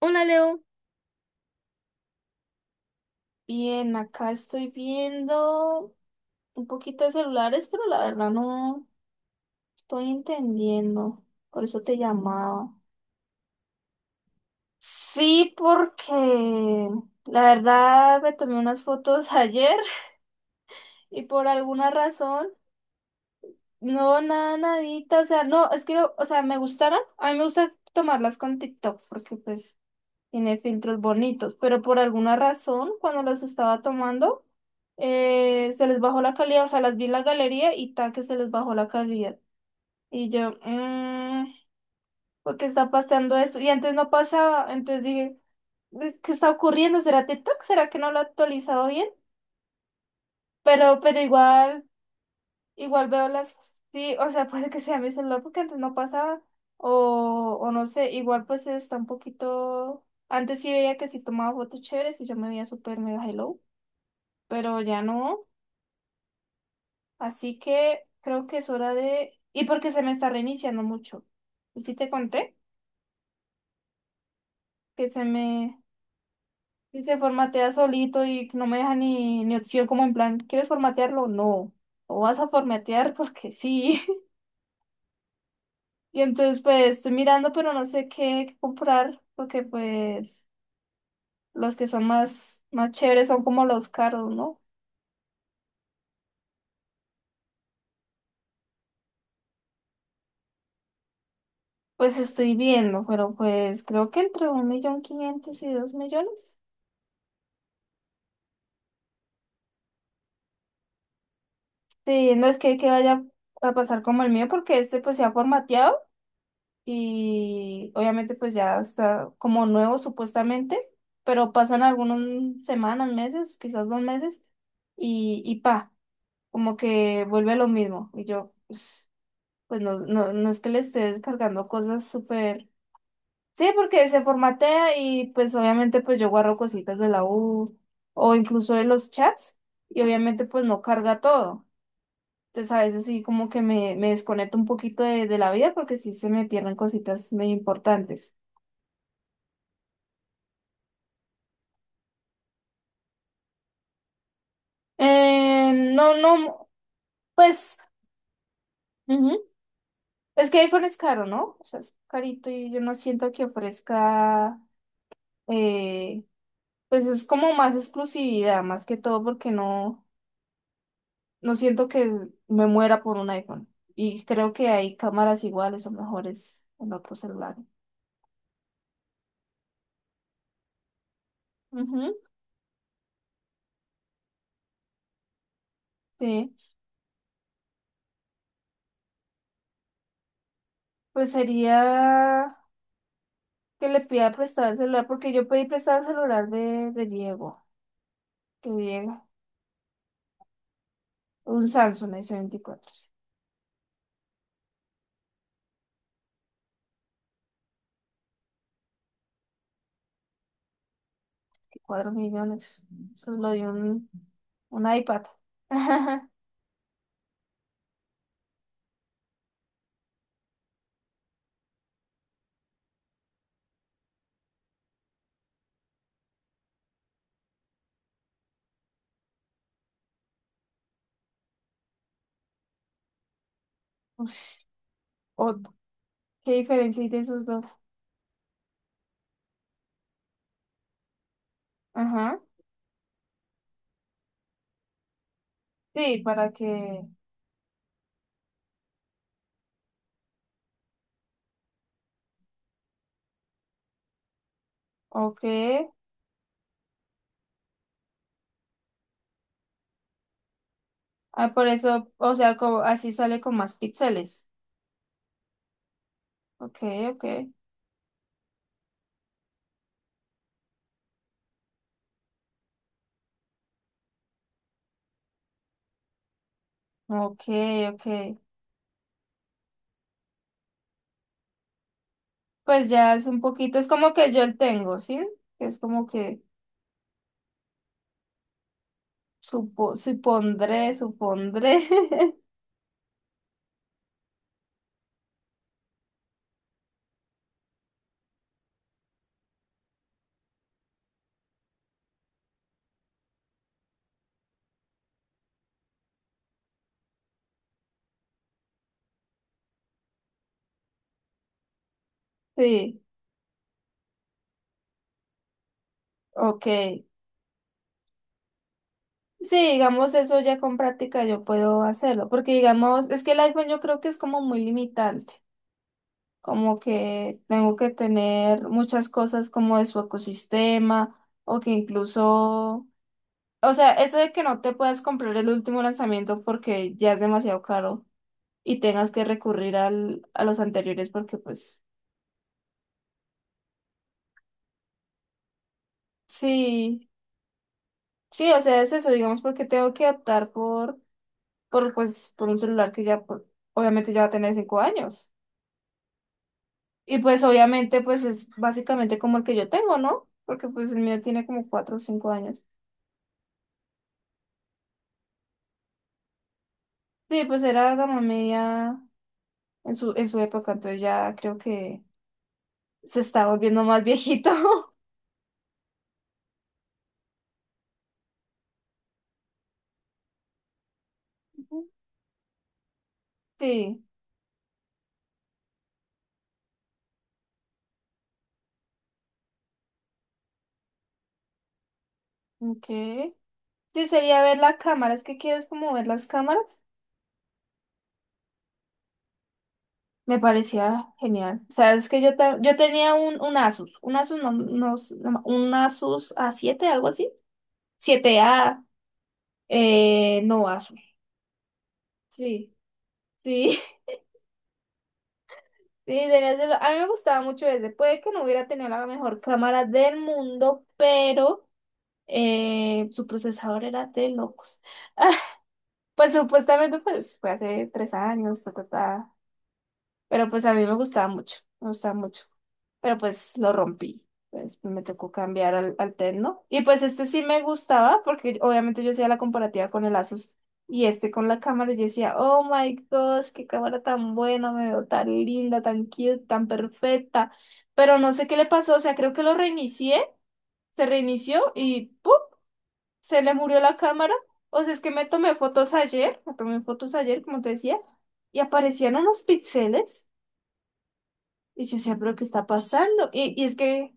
Hola Leo, bien, acá estoy viendo un poquito de celulares, pero la verdad no estoy entendiendo, por eso te llamaba. Sí, porque la verdad me tomé unas fotos ayer y por alguna razón, no, nada, nadita, o sea, no, es que, o sea, me gustaron, a mí me gusta tomarlas con TikTok, porque pues tiene filtros bonitos, pero por alguna razón, cuando las estaba tomando, se les bajó la calidad, o sea, las vi en la galería y ta que se les bajó la calidad. Y yo, ¿por qué está pasando esto? Y antes no pasaba, entonces dije, ¿qué está ocurriendo? ¿Será TikTok? ¿Será que no lo ha actualizado bien?" Pero igual. Igual veo las, sí, o sea, puede que sea mi celular porque antes no pasaba, o no sé, igual pues está un poquito, antes sí veía que si tomaba fotos chéveres y yo me veía súper mega hello, pero ya no, así que creo que es hora de, y porque se me está reiniciando mucho, yo sí te conté que se me, que se formatea solito y que no me deja ni opción como en plan, ¿quieres formatearlo? No, o vas a formatear porque sí. Y entonces pues estoy mirando, pero no sé qué comprar, porque pues los que son más chéveres son como los caros, ¿no? Pues estoy viendo, pero pues creo que entre un millón quinientos y 2 millones. Sí, no es que, vaya a pasar como el mío, porque este pues se ha formateado y obviamente pues ya está como nuevo supuestamente, pero pasan algunas semanas, meses, quizás 2 meses, y pa, como que vuelve lo mismo. Y yo, Pues no, no, no es que le esté descargando cosas súper. Sí, porque se formatea y pues obviamente pues yo guardo cositas de la U o incluso de los chats y obviamente pues no carga todo. Entonces a veces sí como que me desconecto un poquito de la vida porque sí se me pierden cositas medio importantes. No, no, pues ujú. Es que iPhone es caro, ¿no? O sea, es carito y yo no siento que ofrezca, eh, pues es como más exclusividad, más que todo porque no. No siento que me muera por un iPhone. Y creo que hay cámaras iguales o mejores en otros celulares. Ujú, sí. Pues sería que le pida prestado el celular, porque yo pedí prestado el celular de Diego, que Diego, un Samsung S24 sí, que 4 millones. Eso es lo de un iPad. Ush, o- ¿qué diferencia hay de esos dos? Ajá. Sí, para que. Ok. Ah, por eso, o sea, como, así sale con más píxeles. Ok, ok, ok, ok. Pues ya es un poquito, es como que yo el tengo, ¿sí? Es como que supondré. Sí, ok. Sí, digamos, eso ya con práctica yo puedo hacerlo, porque digamos, es que el iPhone yo creo que es como muy limitante, como que tengo que tener muchas cosas como de su ecosistema, o que incluso, o sea, eso de que no te puedas comprar el último lanzamiento porque ya es demasiado caro. Y tengas que recurrir a los anteriores porque pues sí, sí, o sea, es eso, digamos, porque tengo que optar por un celular que ya pues, obviamente ya va a tener 5 años. Y pues obviamente pues es básicamente como el que yo tengo, ¿no? Porque pues el mío tiene como 4 o 5 años. Sí, pues era gama media en su época, entonces ya creo que se está volviendo más viejito. Sí, ok. Sí, sería ver la cámara, es que quieres como ver las cámaras. Me parecía genial. O sea, es que yo, yo tenía un Asus, un Asus, no, no, un Asus A7 algo así. Siete a no Asus. Sí, sí, sí, debías de A mí me gustaba mucho ese. Puede que no hubiera tenido la mejor cámara del mundo, pero su procesador era de locos. Pues supuestamente pues, fue hace 3 años, ta, ta, ta. Pero pues a mí me gustaba mucho, me gustaba mucho. Pero pues lo rompí. Pues me tocó cambiar al Tecno. Y pues este sí me gustaba porque obviamente yo hacía la comparativa con el Asus y este con la cámara. Y yo decía, oh my gosh, qué cámara tan buena, me veo tan linda, tan cute, tan perfecta. Pero no sé qué le pasó, o sea, creo que lo reinicié, se reinició y ¡pum! Se le murió la cámara. O sea, es que me tomé fotos ayer, me tomé fotos ayer, como te decía, y aparecían unos píxeles. Y yo decía, pero ¿qué está pasando? Y es que,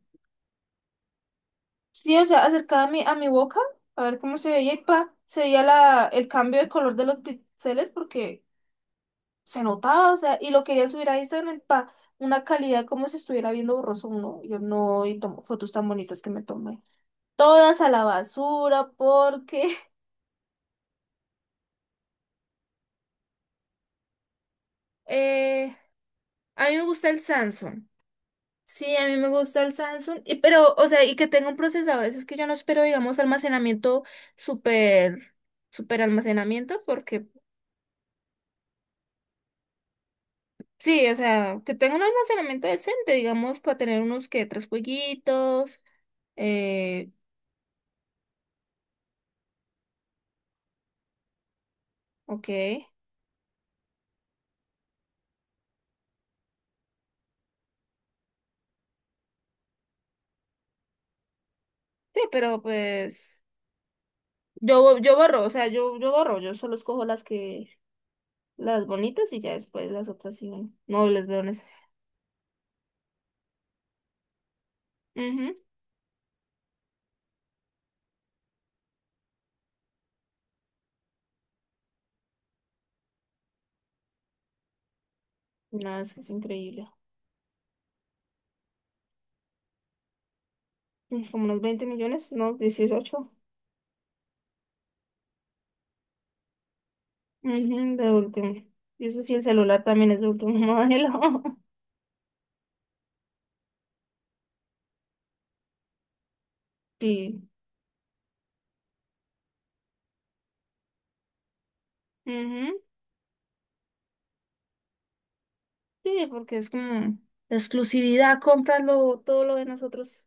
sí, o sea, acercaba a mi boca a ver cómo se veía y pa, se veía el cambio de color de los píxeles porque se notaba, o sea, y lo quería subir a Instagram pa, una calidad como si estuviera viendo borroso uno. Y yo no, y tomo fotos tan bonitas que me tomé. Todas a la basura porque eh, a mí me gusta el Samsung. Sí, a mí me gusta el Samsung, pero, o sea, y que tenga un procesador, es que yo no espero, digamos, almacenamiento súper, súper almacenamiento, porque sí, o sea, que tenga un almacenamiento decente, digamos, para tener unos que tres jueguitos, eh, ok, sí, pero pues, yo, yo borro, o sea, yo borro, yo solo escojo las bonitas y ya después las otras sí, no, no les veo necesidad. Ujú, no, es que es increíble. Como unos 20 millones, no, 18. Ujú, de último. Y eso sí, el celular también es de último modelo. Sí. Ujú, sí, porque es como la exclusividad, cómpralo, todo lo de nosotros.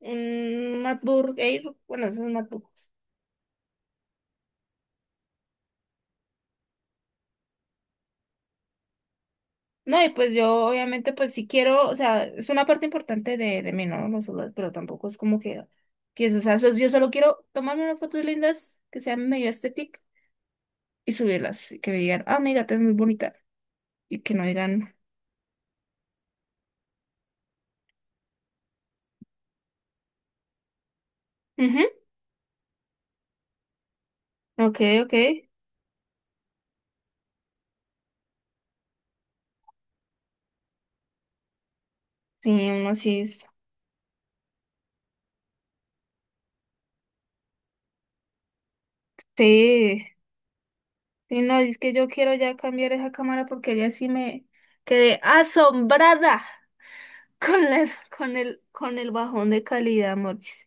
Un MacBook Air, bueno, eso es un MacBook. No, y pues yo obviamente pues sí quiero, o sea, es una parte importante de mí, ¿no? Los celulares, pero tampoco es como que eso, o sea, yo solo quiero tomarme unas fotos lindas que sean medio estéticas y subirlas, y que me digan, ah, mi gata es muy bonita, y que no digan, ujú, ok, ok. Sí, no, sí, sí, sí, no, es que yo quiero ya cambiar esa cámara porque ya sí me quedé asombrada con el, con el, con el, bajón de calidad, Morchis.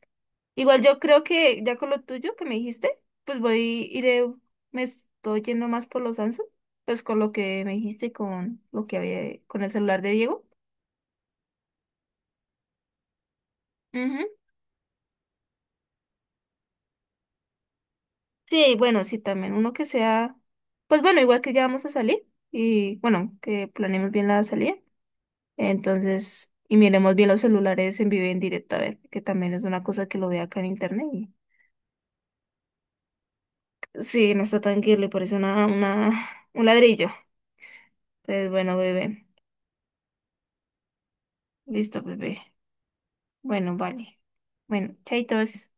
Igual yo creo que ya con lo tuyo que me dijiste, pues iré, me estoy yendo más por los Samsung, pues con lo que me dijiste, y con lo que había, con el celular de Diego. Ujú. Sí, bueno, sí, también uno que sea, pues bueno, igual que ya vamos a salir y bueno, que planeemos bien la salida. Entonces, y miremos bien los celulares en vivo y en directo, a ver, que también es una cosa que lo ve acá en internet. Sí, no está tan que le parece un ladrillo. Entonces, bueno, bebé. Listo, bebé. Bueno, vale. Bueno, chaitos.